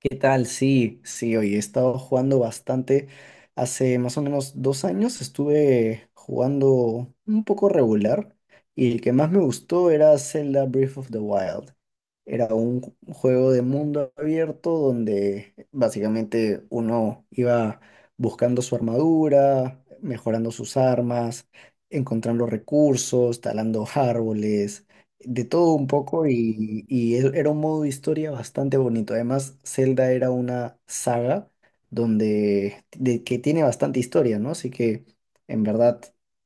¿Qué tal? Sí, sí, oye, he estado jugando bastante. Hace más o menos 2 años estuve jugando un poco regular y el que más me gustó era Zelda Breath of the Wild. Era un juego de mundo abierto donde básicamente uno iba buscando su armadura, mejorando sus armas, encontrando recursos, talando árboles de todo un poco y era un modo de historia bastante bonito. Además, Zelda era una saga que tiene bastante historia, ¿no? Así que en verdad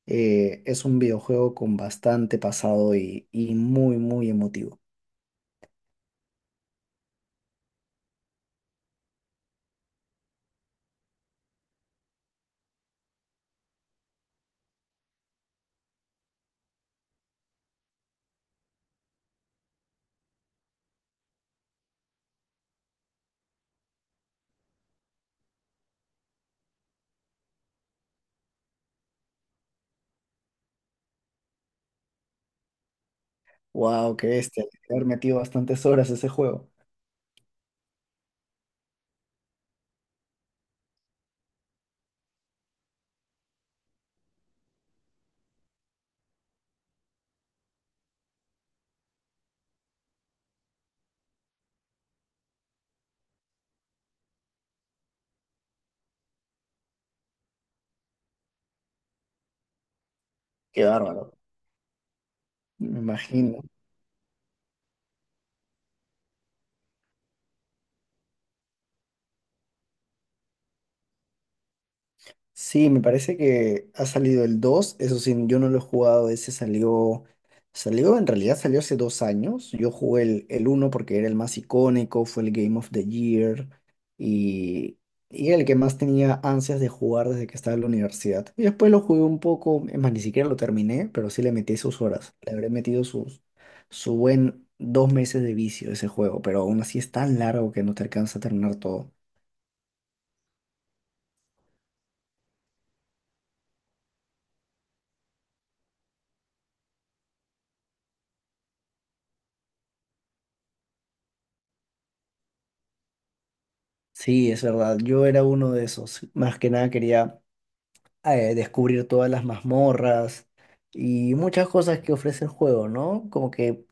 es un videojuego con bastante pasado y muy, muy emotivo. ¡Wow! ¡Qué bestia! Haber metido bastantes horas a ese juego. ¡Qué bárbaro! Me imagino. Sí, me parece que ha salido el 2. Eso sí, yo no lo he jugado, ese salió, salió, en realidad salió hace 2 años, yo jugué el uno porque era el más icónico, fue el Game of the Year y, y el que más tenía ansias de jugar desde que estaba en la universidad. Y después lo jugué un poco, es más, ni siquiera lo terminé, pero sí le metí sus horas, le habré metido sus, su buen 2 meses de vicio a ese juego, pero aún así es tan largo que no te alcanza a terminar todo. Sí, es verdad. Yo era uno de esos. Más que nada quería descubrir todas las mazmorras y muchas cosas que ofrece el juego, ¿no? Como que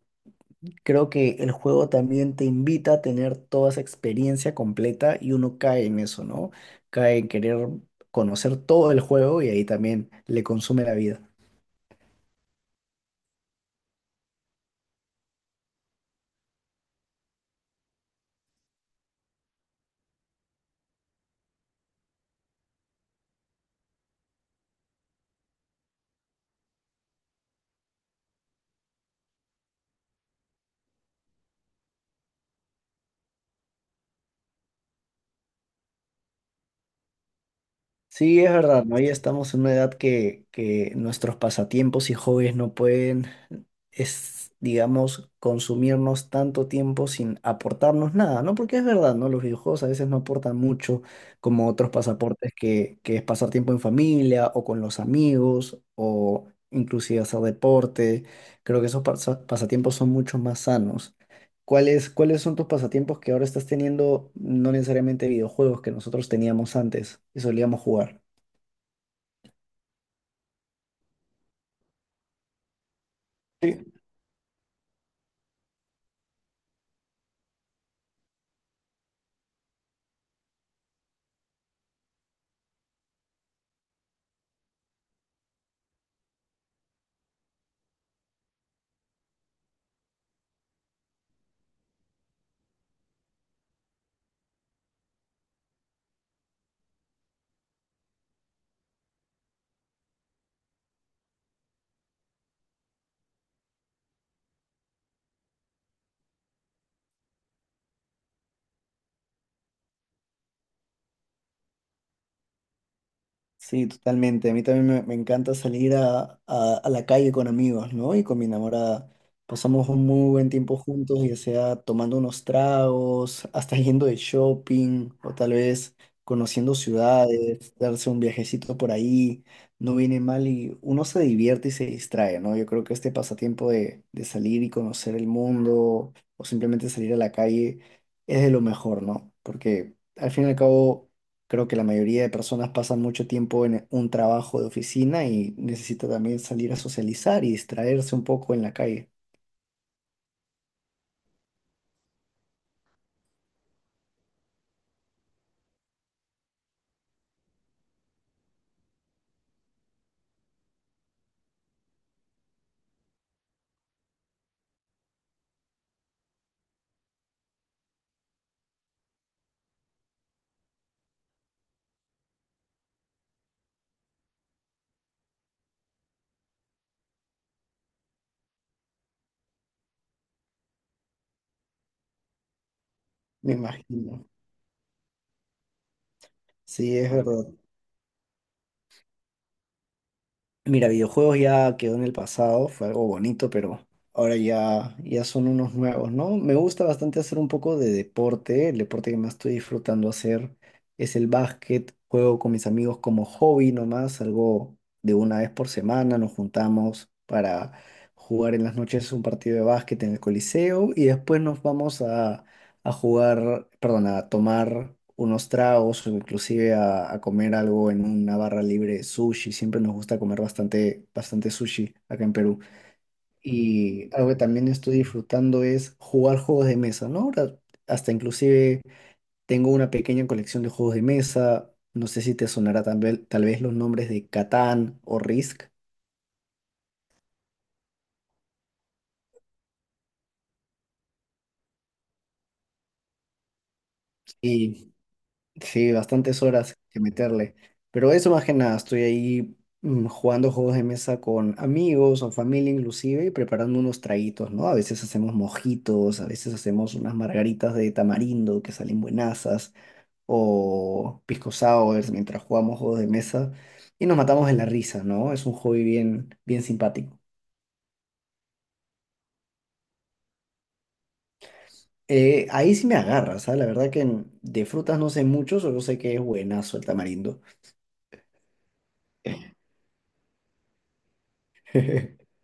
creo que el juego también te invita a tener toda esa experiencia completa y uno cae en eso, ¿no? Cae en querer conocer todo el juego y ahí también le consume la vida. Sí, es verdad, ¿no? Ya estamos en una edad que nuestros pasatiempos y hobbies no pueden es, digamos, consumirnos tanto tiempo sin aportarnos nada, ¿no? Porque es verdad, ¿no? Los videojuegos a veces no aportan mucho, como otros pasaportes que es pasar tiempo en familia o con los amigos o inclusive hacer deporte. Creo que esos pasatiempos son mucho más sanos. ¿Cuáles, cuáles son tus pasatiempos que ahora estás teniendo, no necesariamente videojuegos que nosotros teníamos antes y solíamos jugar? Sí, totalmente. A mí también me encanta salir a, a la calle con amigos, ¿no? Y con mi enamorada. Pasamos un muy buen tiempo juntos, ya sea tomando unos tragos, hasta yendo de shopping, o tal vez conociendo ciudades, darse un viajecito por ahí. No viene mal y uno se divierte y se distrae, ¿no? Yo creo que este pasatiempo de salir y conocer el mundo o simplemente salir a la calle es de lo mejor, ¿no? Porque al fin y al cabo creo que la mayoría de personas pasan mucho tiempo en un trabajo de oficina y necesita también salir a socializar y distraerse un poco en la calle, me imagino. Sí, es verdad. Mira, videojuegos ya quedó en el pasado, fue algo bonito, pero ahora ya, ya son unos nuevos, ¿no? Me gusta bastante hacer un poco de deporte. El deporte que más estoy disfrutando hacer es el básquet. Juego con mis amigos como hobby nomás, algo de una vez por semana. Nos juntamos para jugar en las noches un partido de básquet en el Coliseo y después nos vamos a a tomar unos tragos o inclusive a comer algo en una barra libre, sushi. Siempre nos gusta comer bastante, bastante sushi acá en Perú. Y algo que también estoy disfrutando es jugar juegos de mesa, ¿no? Ahora, hasta inclusive tengo una pequeña colección de juegos de mesa. No sé si te sonará tal vez los nombres de Catán o Risk. Y sí, bastantes horas que meterle. Pero eso más que nada, estoy ahí jugando juegos de mesa con amigos o familia inclusive y preparando unos traguitos, ¿no? A veces hacemos mojitos, a veces hacemos unas margaritas de tamarindo que salen buenazas o pisco sours mientras jugamos juegos de mesa y nos matamos de la risa, ¿no? Es un hobby bien, bien simpático. Ahí sí me agarras, ¿sabes? La verdad que en- de frutas no sé mucho, solo sé que es buenazo el tamarindo.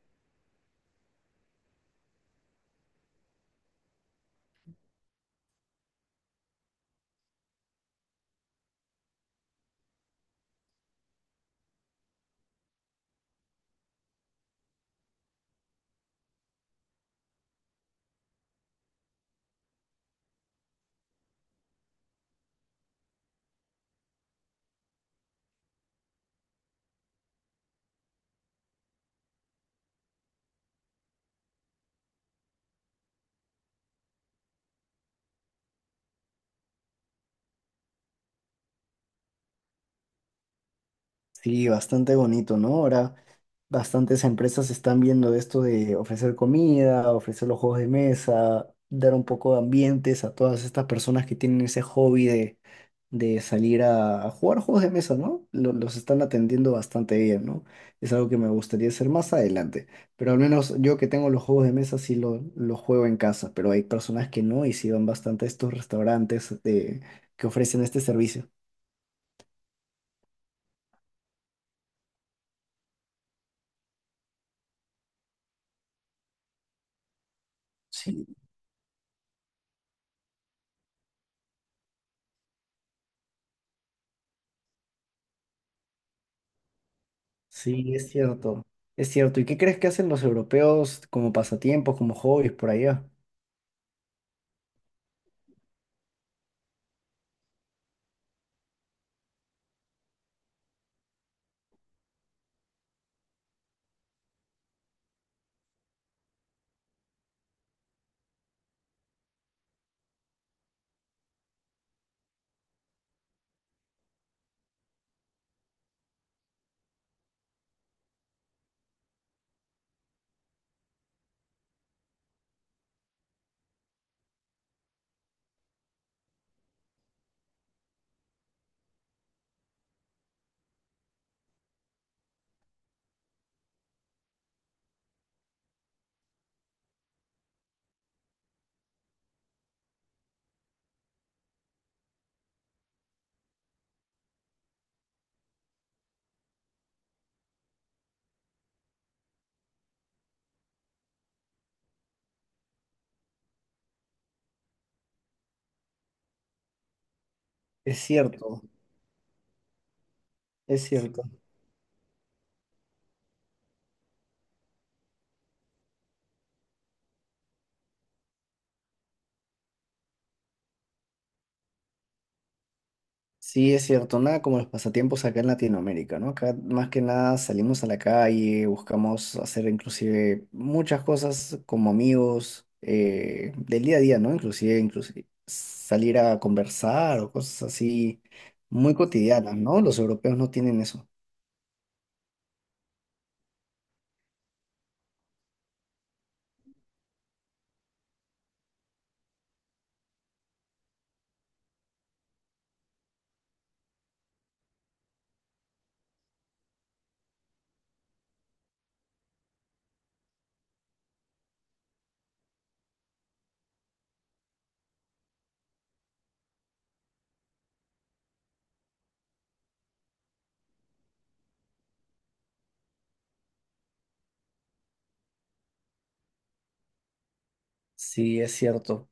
Sí, bastante bonito, ¿no? Ahora bastantes empresas están viendo esto de ofrecer comida, ofrecer los juegos de mesa, dar un poco de ambientes a todas estas personas que tienen ese hobby de salir a jugar juegos de mesa, ¿no? Los están atendiendo bastante bien, ¿no? Es algo que me gustaría hacer más adelante, pero al menos yo que tengo los juegos de mesa sí los juego en casa, pero hay personas que no y sí van bastante a estos restaurantes de, que ofrecen este servicio. Sí, es cierto. Es cierto. ¿Y qué crees que hacen los europeos como pasatiempos, como hobbies por allá? Es cierto, es cierto. Sí, es cierto. Nada como los pasatiempos acá en Latinoamérica, ¿no? Acá más que nada salimos a la calle, buscamos hacer inclusive muchas cosas como amigos del día a día, ¿no? Inclusive, inclusive salir a conversar o cosas así muy cotidianas, ¿no? Los europeos no tienen eso. Sí, es cierto.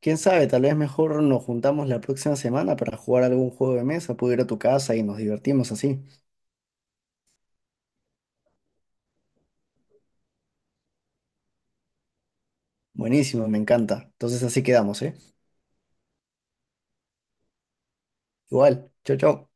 Quién sabe, tal vez mejor nos juntamos la próxima semana para jugar algún juego de mesa, puedo ir a tu casa y nos divertimos así. Buenísimo, me encanta. Entonces así quedamos, ¿eh? Igual, chau, chau.